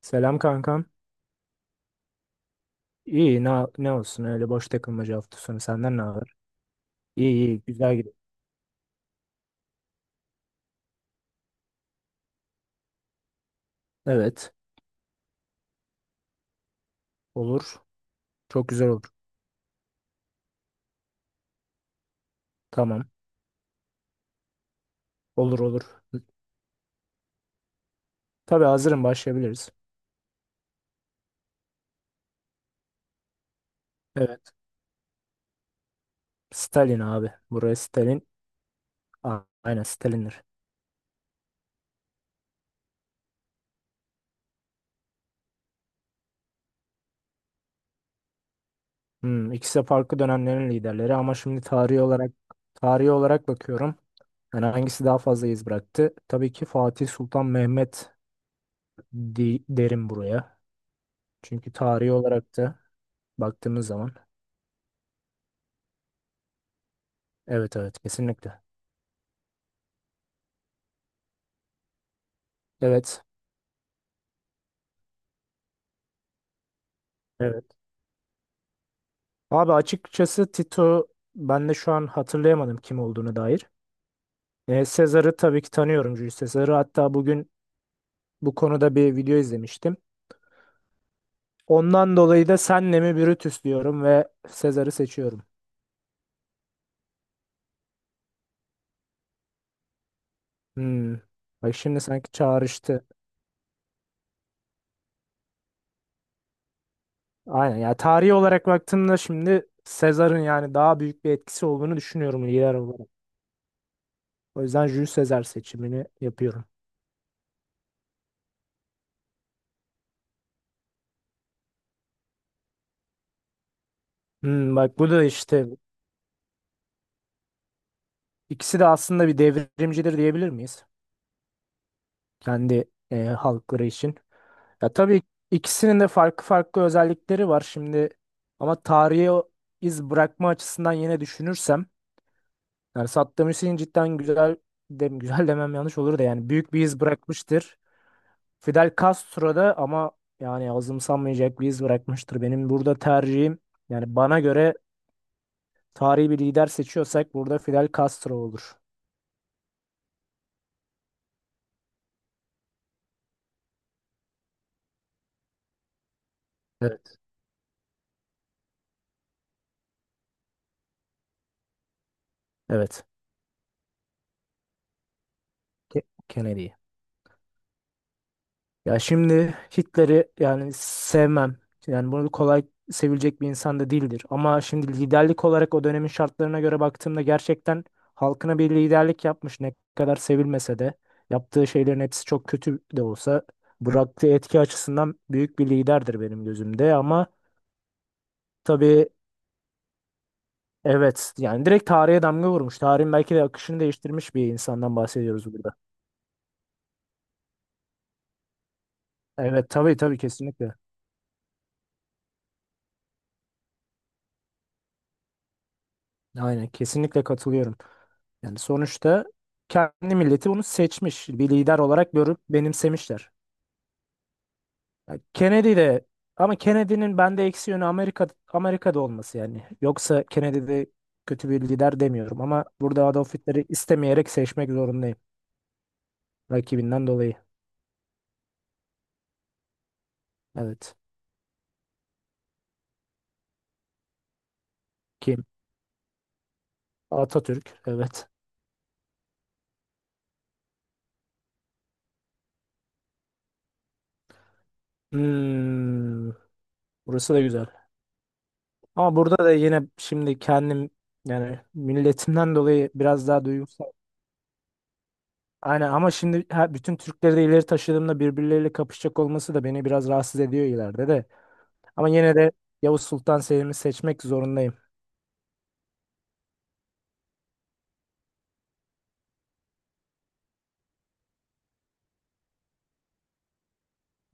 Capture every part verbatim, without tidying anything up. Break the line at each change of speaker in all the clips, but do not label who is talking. Selam kankam. İyi ne, ne olsun öyle boş takılmaca hafta sonu senden ne haber? İyi iyi güzel gidiyor. Evet, olur. Çok güzel olur. Tamam. Olur olur. Tabii hazırım, başlayabiliriz. Evet. Stalin abi. Buraya Stalin. A- Aynen Stalin'dir. Hmm, ikisi de farklı dönemlerin liderleri ama şimdi tarihi olarak tarihi olarak bakıyorum. Yani hangisi daha fazla iz bıraktı? Tabii ki Fatih Sultan Mehmet di- derim buraya. Çünkü tarihi olarak da baktığımız zaman. Evet evet, kesinlikle. Evet. Evet. Abi açıkçası Tito, ben de şu an hatırlayamadım kim olduğunu dair. E, Sezar'ı tabii ki tanıyorum, Julius Sezar'ı. Hatta bugün bu konuda bir video izlemiştim. Ondan dolayı da senle mi Brutus diyorum ve Sezar'ı seçiyorum. Hmm. Bak şimdi sanki çağrıştı. Aynen ya, tarihi olarak baktığımda şimdi Sezar'ın yani daha büyük bir etkisi olduğunu düşünüyorum lider olarak. O yüzden Julius Sezar seçimini yapıyorum. Hmm, bak bu da işte, ikisi de aslında bir devrimcidir diyebilir miyiz? Kendi e, halkları için. Ya tabii, ikisinin de farklı farklı özellikleri var şimdi ama tarihe o iz bırakma açısından yine düşünürsem yani Saddam Hüseyin cidden güzel dem güzel demem yanlış olur da, yani büyük bir iz bırakmıştır. Fidel Castro da ama yani azımsanmayacak bir iz bırakmıştır. Benim burada tercihim, yani bana göre tarihi bir lider seçiyorsak burada Fidel Castro olur. Evet. Evet. Ke- Kennedy. Ya şimdi Hitler'i yani sevmem. Yani bunu kolay sevilecek bir insan da değildir. Ama şimdi liderlik olarak o dönemin şartlarına göre baktığımda gerçekten halkına bir liderlik yapmış, ne kadar sevilmese de. Yaptığı şeylerin hepsi çok kötü de olsa bıraktığı etki açısından büyük bir liderdir benim gözümde. Ama tabii, evet yani direkt tarihe damga vurmuş. Tarihin belki de akışını değiştirmiş bir insandan bahsediyoruz burada. Evet tabii tabii, kesinlikle. Aynen, kesinlikle katılıyorum. Yani sonuçta kendi milleti bunu seçmiş. Bir lider olarak görüp benimsemişler. Yani Kennedy de, ama Kennedy'nin bende eksi yönü Amerika Amerika'da olması yani. Yoksa Kennedy de kötü bir lider demiyorum ama burada Adolf Hitler'i istemeyerek seçmek zorundayım. Rakibinden dolayı. Evet. Kim? Atatürk. Evet. Hmm, Burası da güzel. Ama burada da yine şimdi kendim, yani milletimden dolayı biraz daha duygusal. Aynen, ama şimdi her, bütün Türkleri de ileri taşıdığımda birbirleriyle kapışacak olması da beni biraz rahatsız ediyor ileride de. Ama yine de Yavuz Sultan Selim'i seçmek zorundayım.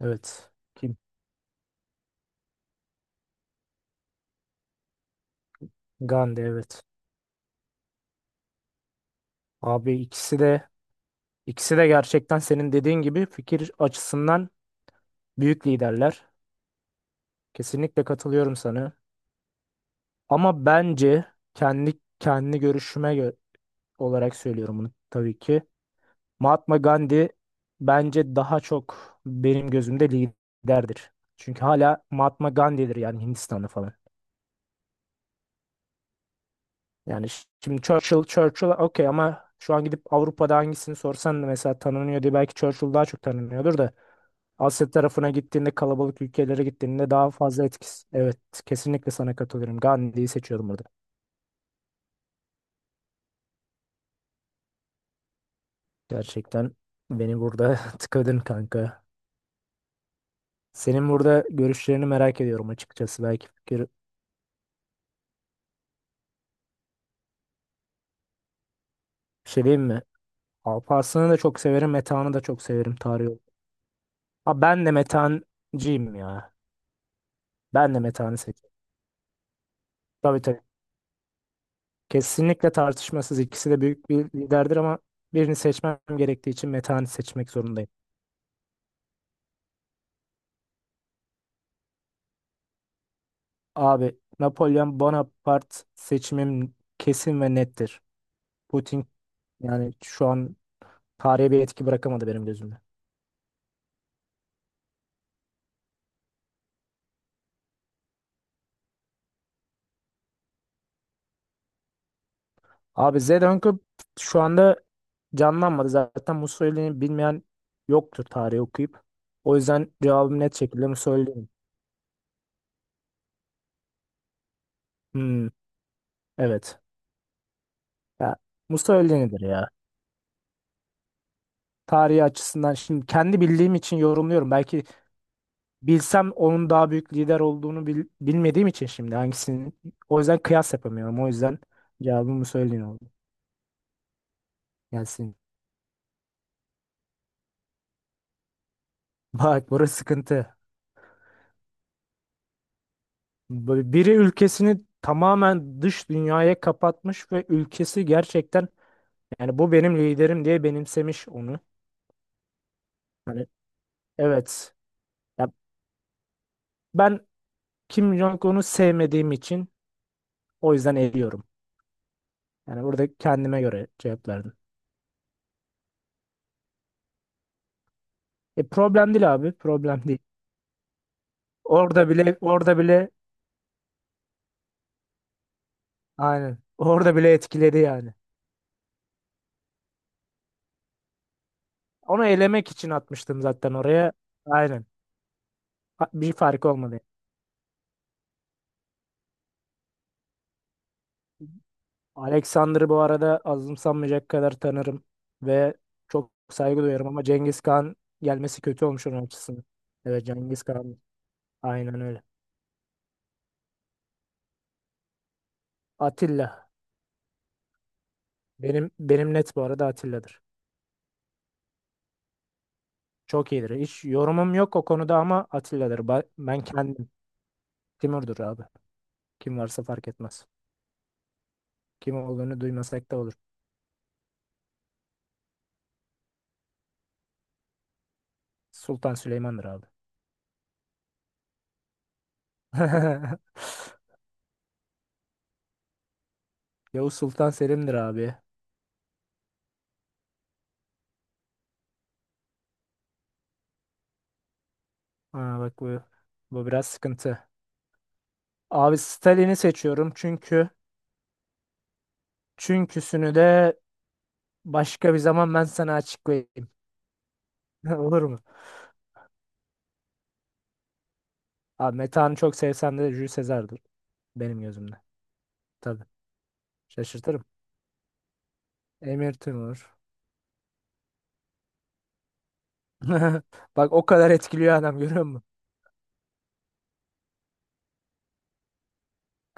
Evet. Kim? Gandhi, evet. Abi ikisi de ikisi de gerçekten senin dediğin gibi fikir açısından büyük liderler. Kesinlikle katılıyorum sana. Ama bence kendi kendi görüşüme gö- olarak söylüyorum bunu tabii ki. Mahatma Gandhi bence daha çok benim gözümde liderdir. Çünkü hala Mahatma Gandhi'dir yani, Hindistan'ı falan. Yani ş- şimdi Churchill, Churchill okey, ama şu an gidip Avrupa'da hangisini sorsan da mesela tanınıyor diye belki Churchill daha çok tanınıyordur da Asya tarafına gittiğinde, kalabalık ülkelere gittiğinde daha fazla etkisi. Evet, kesinlikle sana katılıyorum. Gandhi'yi seçiyorum burada. Gerçekten beni burada tıkadın kanka. Senin burada görüşlerini merak ediyorum açıkçası. Belki fikir bir şey diyeyim mi? Alparslan'ı da çok severim. Metehan'ı da çok severim tarih olarak. Ha, ben de Metehan'cıyım ya. Ben de Metehan'ı seçiyorum. Tabii tabii. Kesinlikle tartışmasız. İkisi de büyük bir liderdir ama birini seçmem gerektiği için Metehan'ı seçmek zorundayım. Abi Napolyon Bonaparte seçimim kesin ve nettir. Putin yani şu an tarihe bir etki bırakamadı benim gözümde. Abi Zelenko şu anda canlanmadı. Zaten Mussolini'yi bilmeyen yoktur tarihi okuyup. O yüzden cevabım net şekilde Mussolini. Hmm, evet. Ya, Musa öyledir ya. Tarihi açısından şimdi kendi bildiğim için yorumluyorum. Belki bilsem onun daha büyük lider olduğunu, bil- bilmediğim için şimdi hangisini. O yüzden kıyas yapamıyorum. O yüzden cevabım cevabımı söyleyin oldu. Gelsin. Bak burası sıkıntı. Böyle biri ülkesini tamamen dış dünyaya kapatmış ve ülkesi gerçekten yani bu benim liderim diye benimsemiş onu. Hani, evet. Ya ben Kim Jong-un'u sevmediğim için o yüzden eliyorum. Yani burada kendime göre cevap. E, problem değil abi, problem değil. Orada bile, orada bile aynen. Orada bile etkiledi yani. Onu elemek için atmıştım zaten oraya. Aynen. Ha- Bir fark olmadı. Alexander'ı bu arada azımsanmayacak kadar tanırım ve çok saygı duyarım, ama Cengiz Khan gelmesi kötü olmuş onun açısından. Evet, Cengiz Khan, aynen öyle. Atilla, benim benim net bu arada, Atilla'dır. Çok iyidir. Hiç yorumum yok o konuda ama Atilla'dır. Ba- Ben kendim. Timur'dur abi. Kim varsa fark etmez. Kim olduğunu duymasak da olur. Sultan Süleyman'dır abi. Yavuz Sultan Selim'dir abi. Ha, bak bu bu biraz sıkıntı. Abi Stalin'i seçiyorum çünkü, çünküsünü de başka bir zaman ben sana açıklayayım. Olur mu? Abi Metehan'ı çok sevsem de Jules Caesar'dır benim gözümde. Tabii. Şaşırtırım. Emir Timur. Bak o kadar etkiliyor adam, görüyor musun?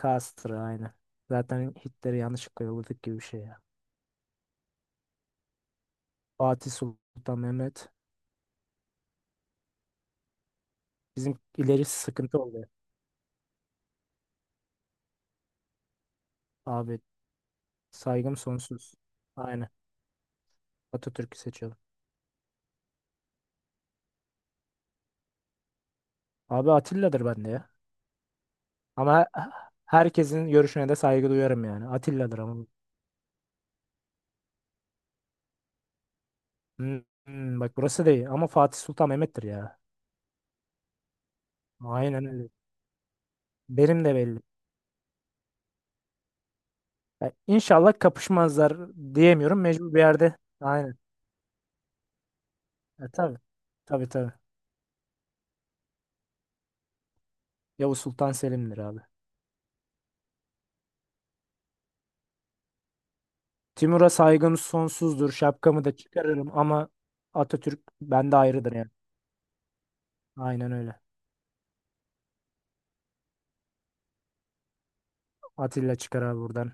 Castro aynı. Zaten Hitler'i yanlışlıkla yolladık gibi bir şey ya. Fatih Sultan Mehmet. Bizim ileri sıkıntı oldu. Abi saygım sonsuz. Aynen. Atatürk'ü seçiyorum. Abi Atilla'dır bende ya. Ama herkesin görüşüne de saygı duyarım yani. Atilla'dır ama. Hmm, hmm, Bak burası değil ama Fatih Sultan Mehmet'tir ya. Aynen öyle. Benim de belli. Ya, İnşallah kapışmazlar diyemiyorum. Mecbur bir yerde. Aynen. E, tabii. Tabii tabii. Yavuz Sultan Selim'dir abi. Timur'a saygım sonsuzdur. Şapkamı da çıkarırım ama Atatürk bende ayrıdır yani. Aynen öyle. Atilla çıkar abi buradan.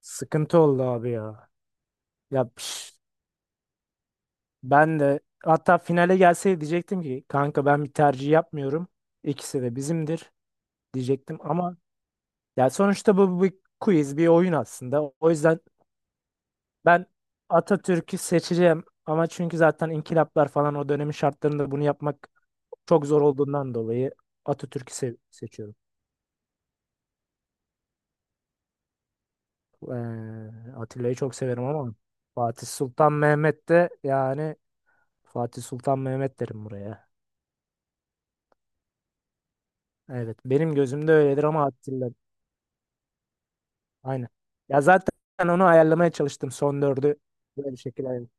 Sıkıntı oldu abi ya. Ya piş, ben de hatta finale gelseydi diyecektim ki kanka, ben bir tercih yapmıyorum. İkisi de bizimdir diyecektim ama ya sonuçta bu bir quiz, bir oyun aslında. O yüzden ben Atatürk'ü seçeceğim ama, çünkü zaten inkılaplar falan o dönemin şartlarında bunu yapmak çok zor olduğundan dolayı Atatürk'ü se- seçiyorum. Eee, Atilla'yı çok severim ama Fatih Sultan Mehmet de yani, Fatih Sultan Mehmet derim buraya. Evet benim gözümde öyledir ama Atilla aynı. Ya zaten onu ayarlamaya çalıştım, son dördü. Böyle bir şekilde. ayarladım.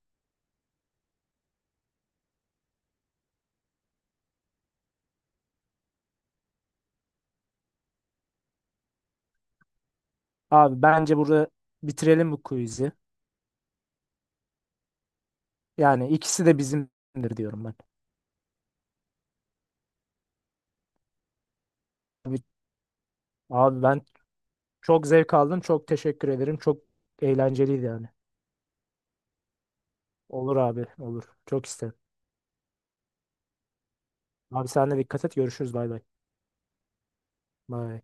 Abi bence burada bitirelim bu quiz'i. Yani ikisi de bizimdir diyorum ben. Abi, abi ben çok zevk aldım. Çok teşekkür ederim. Çok eğlenceliydi yani. Olur abi, olur. Çok isterim. Abi sen de dikkat et. Görüşürüz. Bay bay. Bay.